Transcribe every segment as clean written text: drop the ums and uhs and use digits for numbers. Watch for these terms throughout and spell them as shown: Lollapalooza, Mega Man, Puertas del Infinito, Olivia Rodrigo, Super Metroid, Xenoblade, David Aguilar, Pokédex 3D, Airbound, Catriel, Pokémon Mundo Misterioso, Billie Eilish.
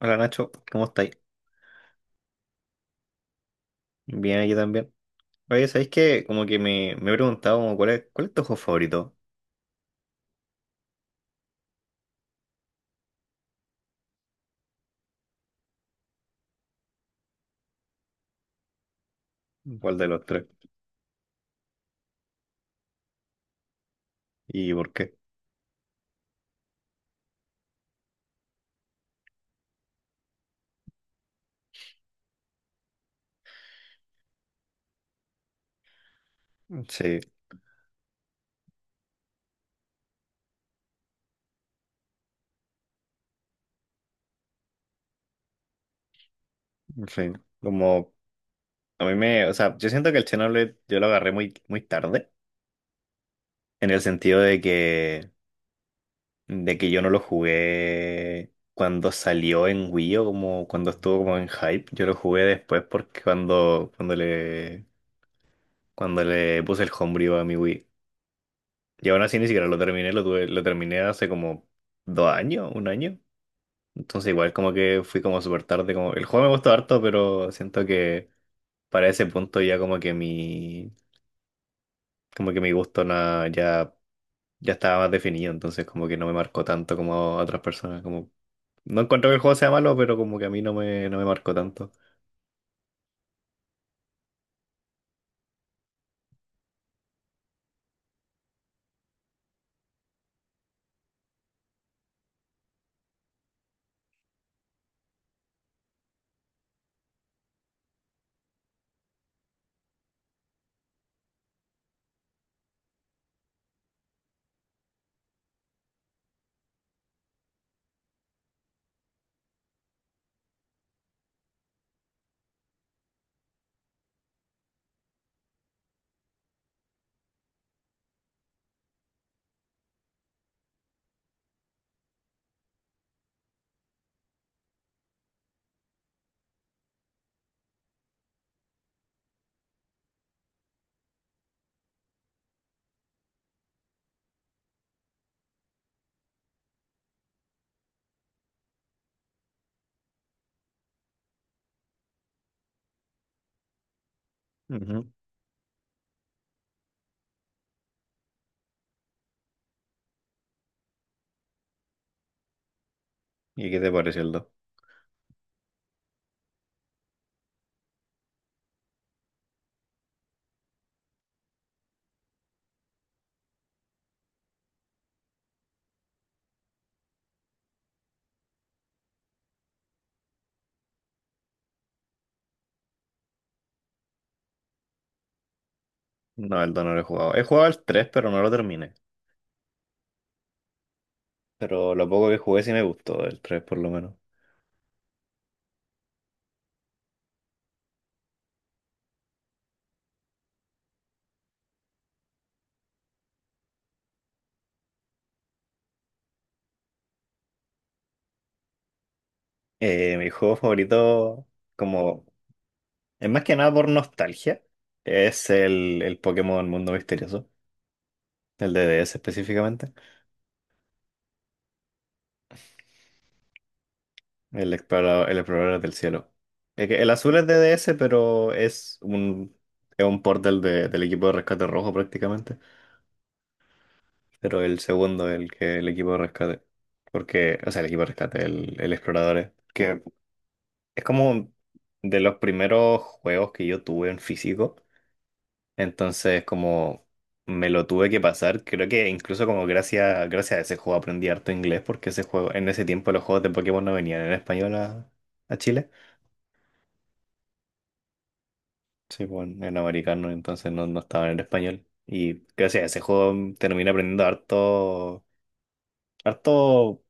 Hola Nacho, ¿cómo estáis? Bien, aquí también. Oye, ¿sabéis que como que me he preguntado como cuál es tu juego favorito? ¿Cuál de los tres? ¿Y por qué? Sí, sí. Como a mí me, o sea, yo siento que el Xenoblade yo lo agarré muy tarde, en el sentido de que yo no lo jugué cuando salió en Wii o como cuando estuvo como en hype. Yo lo jugué después porque cuando le, cuando le puse el homebrew a mi Wii. Y aún así ni siquiera lo terminé, lo tuve, lo terminé hace como dos años, un año. Entonces igual como que fui como súper tarde, como el juego me gustó harto, pero siento que para ese punto ya como que mi gusto ya, ya estaba más definido, entonces como que no me marcó tanto como a otras personas. Como, no encuentro que el juego sea malo, pero como que a mí no me, no me marcó tanto. Ujú. ¿Y qué te pareció el dos? No, el dos no lo he jugado. He jugado el 3 pero no lo terminé. Pero lo poco que jugué sí me gustó, el 3 por lo menos. Mi juego favorito, como, es más que nada por nostalgia, es el Pokémon Mundo Misterioso, el de DS específicamente, el explorador del cielo. Es que el, azul es de DS, pero es un port del, del equipo de rescate rojo prácticamente, pero el segundo, el que el equipo de rescate, porque, o sea, el equipo de rescate, el explorador, que es como de los primeros juegos que yo tuve en físico. Entonces, como me lo tuve que pasar, creo que incluso como gracias, gracias a ese juego aprendí harto inglés, porque ese juego, en ese tiempo los juegos de Pokémon no venían en español a Chile. Sí, bueno, en americano, entonces no, no estaban en español. Y gracias a ese juego terminé aprendiendo harto, harto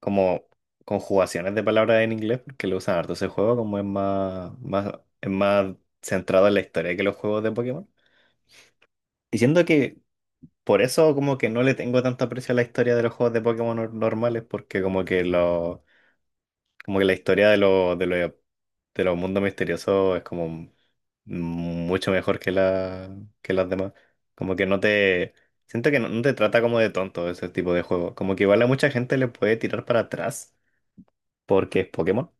como conjugaciones de palabras en inglés, porque lo usan harto ese juego, como es es más centrado en la historia que los juegos de Pokémon. Y siento que por eso como que no le tengo tanto aprecio a la historia de los juegos de Pokémon normales, porque como que lo, como que la historia de los de los mundos misteriosos es como mucho mejor que la, que las demás. Como que no te, siento que no, no te trata como de tonto ese tipo de juego. Como que igual a mucha gente le puede tirar para atrás porque es Pokémon.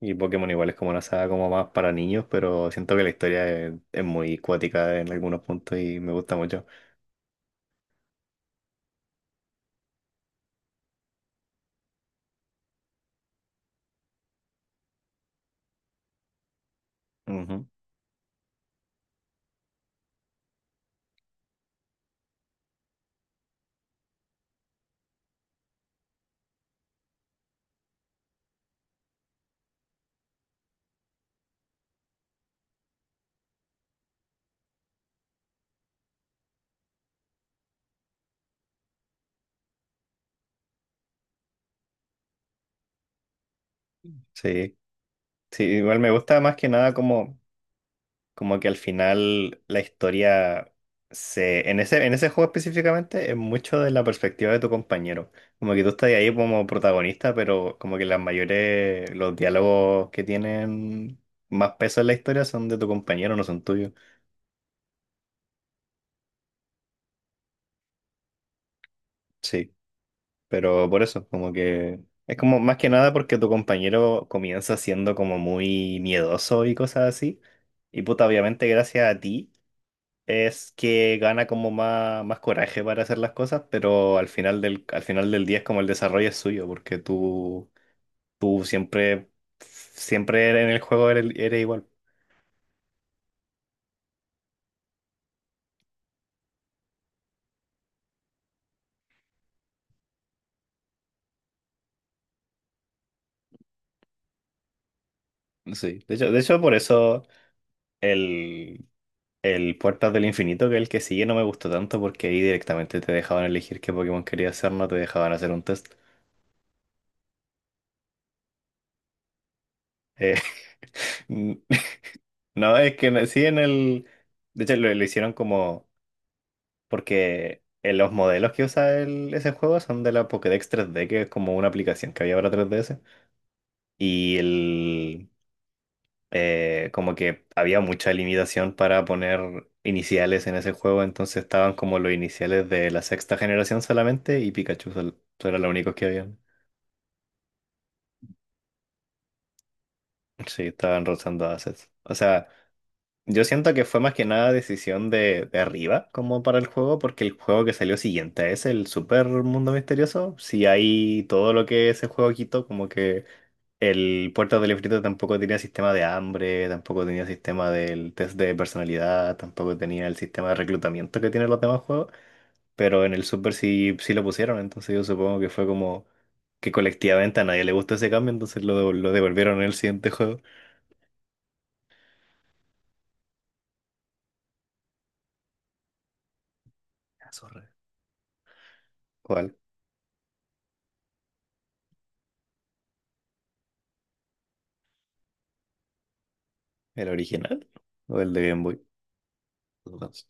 Y Pokémon igual es como una saga como más para niños, pero siento que la historia es muy cuática en algunos puntos y me gusta mucho. Ujú. Sí. Sí, igual me gusta más que nada como, como que al final la historia se, en ese juego específicamente es mucho de la perspectiva de tu compañero. Como que tú estás ahí como protagonista, pero como que las mayores, los diálogos que tienen más peso en la historia son de tu compañero, no son tuyos. Sí, pero por eso, como que es como más que nada porque tu compañero comienza siendo como muy miedoso y cosas así. Y puta, obviamente gracias a ti, es que gana como más coraje para hacer las cosas, pero al final al final del día es como el desarrollo es suyo, porque tú siempre en el juego eres, eres igual. Sí. De hecho, por eso el, el Puertas del Infinito, que es el que sigue, no me gustó tanto, porque ahí directamente te dejaban elegir qué Pokémon querías hacer, no te dejaban hacer un test. Eh, no, es que sí en el... De hecho, lo hicieron como... Porque los modelos que usa ese juego son de la Pokédex 3D, que es como una aplicación que había para 3DS. Y el, como que había mucha limitación para poner iniciales en ese juego, entonces estaban como los iniciales de la sexta generación solamente y Pikachu eran los únicos que habían. Sí, estaban rozando assets. O sea, yo siento que fue más que nada decisión de arriba como para el juego, porque el juego que salió siguiente es el Super Mundo Misterioso. Si hay todo lo que ese juego quitó, como que el Puerto del Ifrito tampoco tenía sistema de hambre, tampoco tenía sistema del test de personalidad, tampoco tenía el sistema de reclutamiento que tienen los demás juegos, pero en el Super sí, sí lo pusieron, entonces yo supongo que fue como que colectivamente a nadie le gustó ese cambio, entonces lo, lo devolvieron en el siguiente juego. Ah, zorra. ¿Cuál? ¿El original o el de Game Boy? Sí,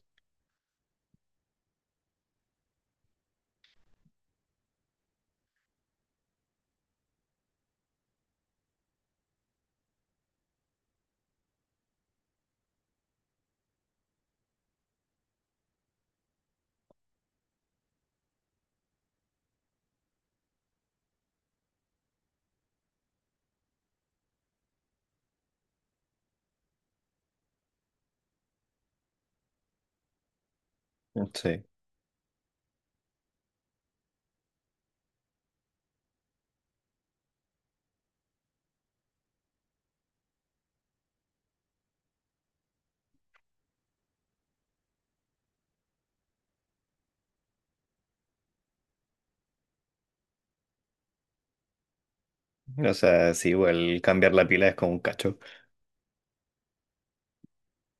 o sea, sí, igual cambiar la pila es como un cacho.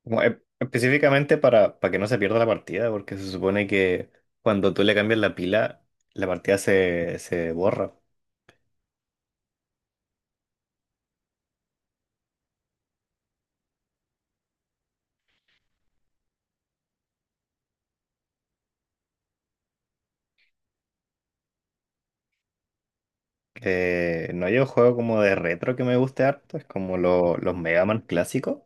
Como específicamente para que no se pierda la partida, porque se supone que cuando tú le cambias la pila, la partida se, se borra. No hay un juego como de retro que me guste harto, es como los Mega Man clásicos,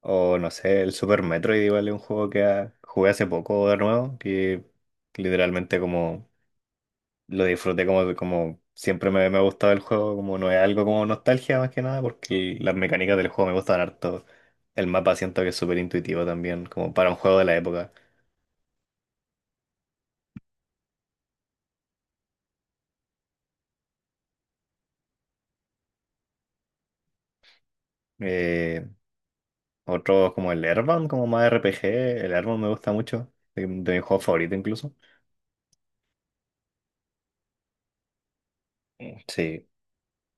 o no sé, el Super Metroid igual es un juego que jugué hace poco de nuevo, que literalmente como lo disfruté como, como siempre me, me ha gustado el juego, como no es algo como nostalgia más que nada, porque las mecánicas del juego me gustan harto. El mapa siento que es súper intuitivo también, como para un juego de la época. Eh, Otros como el Airbound, como más RPG, el Airbound me gusta mucho, de mi juego favorito incluso. Sí,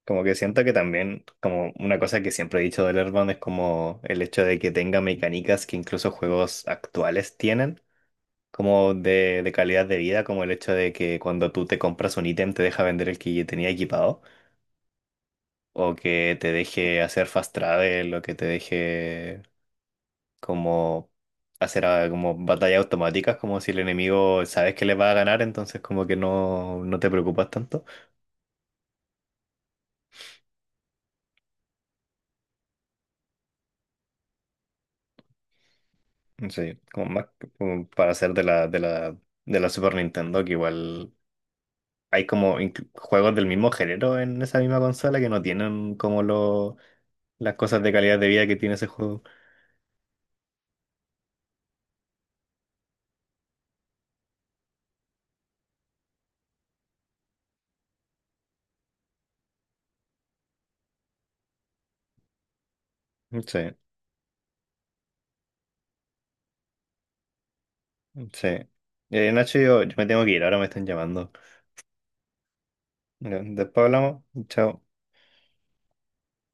como que siento que también, como una cosa que siempre he dicho del Airbound es como el hecho de que tenga mecánicas que incluso juegos actuales tienen como de calidad de vida, como el hecho de que cuando tú te compras un ítem te deja vender el que tenía equipado, o que te deje hacer fast travel, o que te deje como hacer como batallas automáticas, como si el enemigo sabes que le va a ganar, entonces como que no, no te preocupas tanto. Sí, como como para hacer de la, de la, de la Super Nintendo, que igual hay como juegos del mismo género en esa misma consola que no tienen como lo las cosas de calidad de vida que tiene ese juego. Sí, sí. Nacho, yo me tengo que ir, ahora me están llamando. Después hablamos. Chao.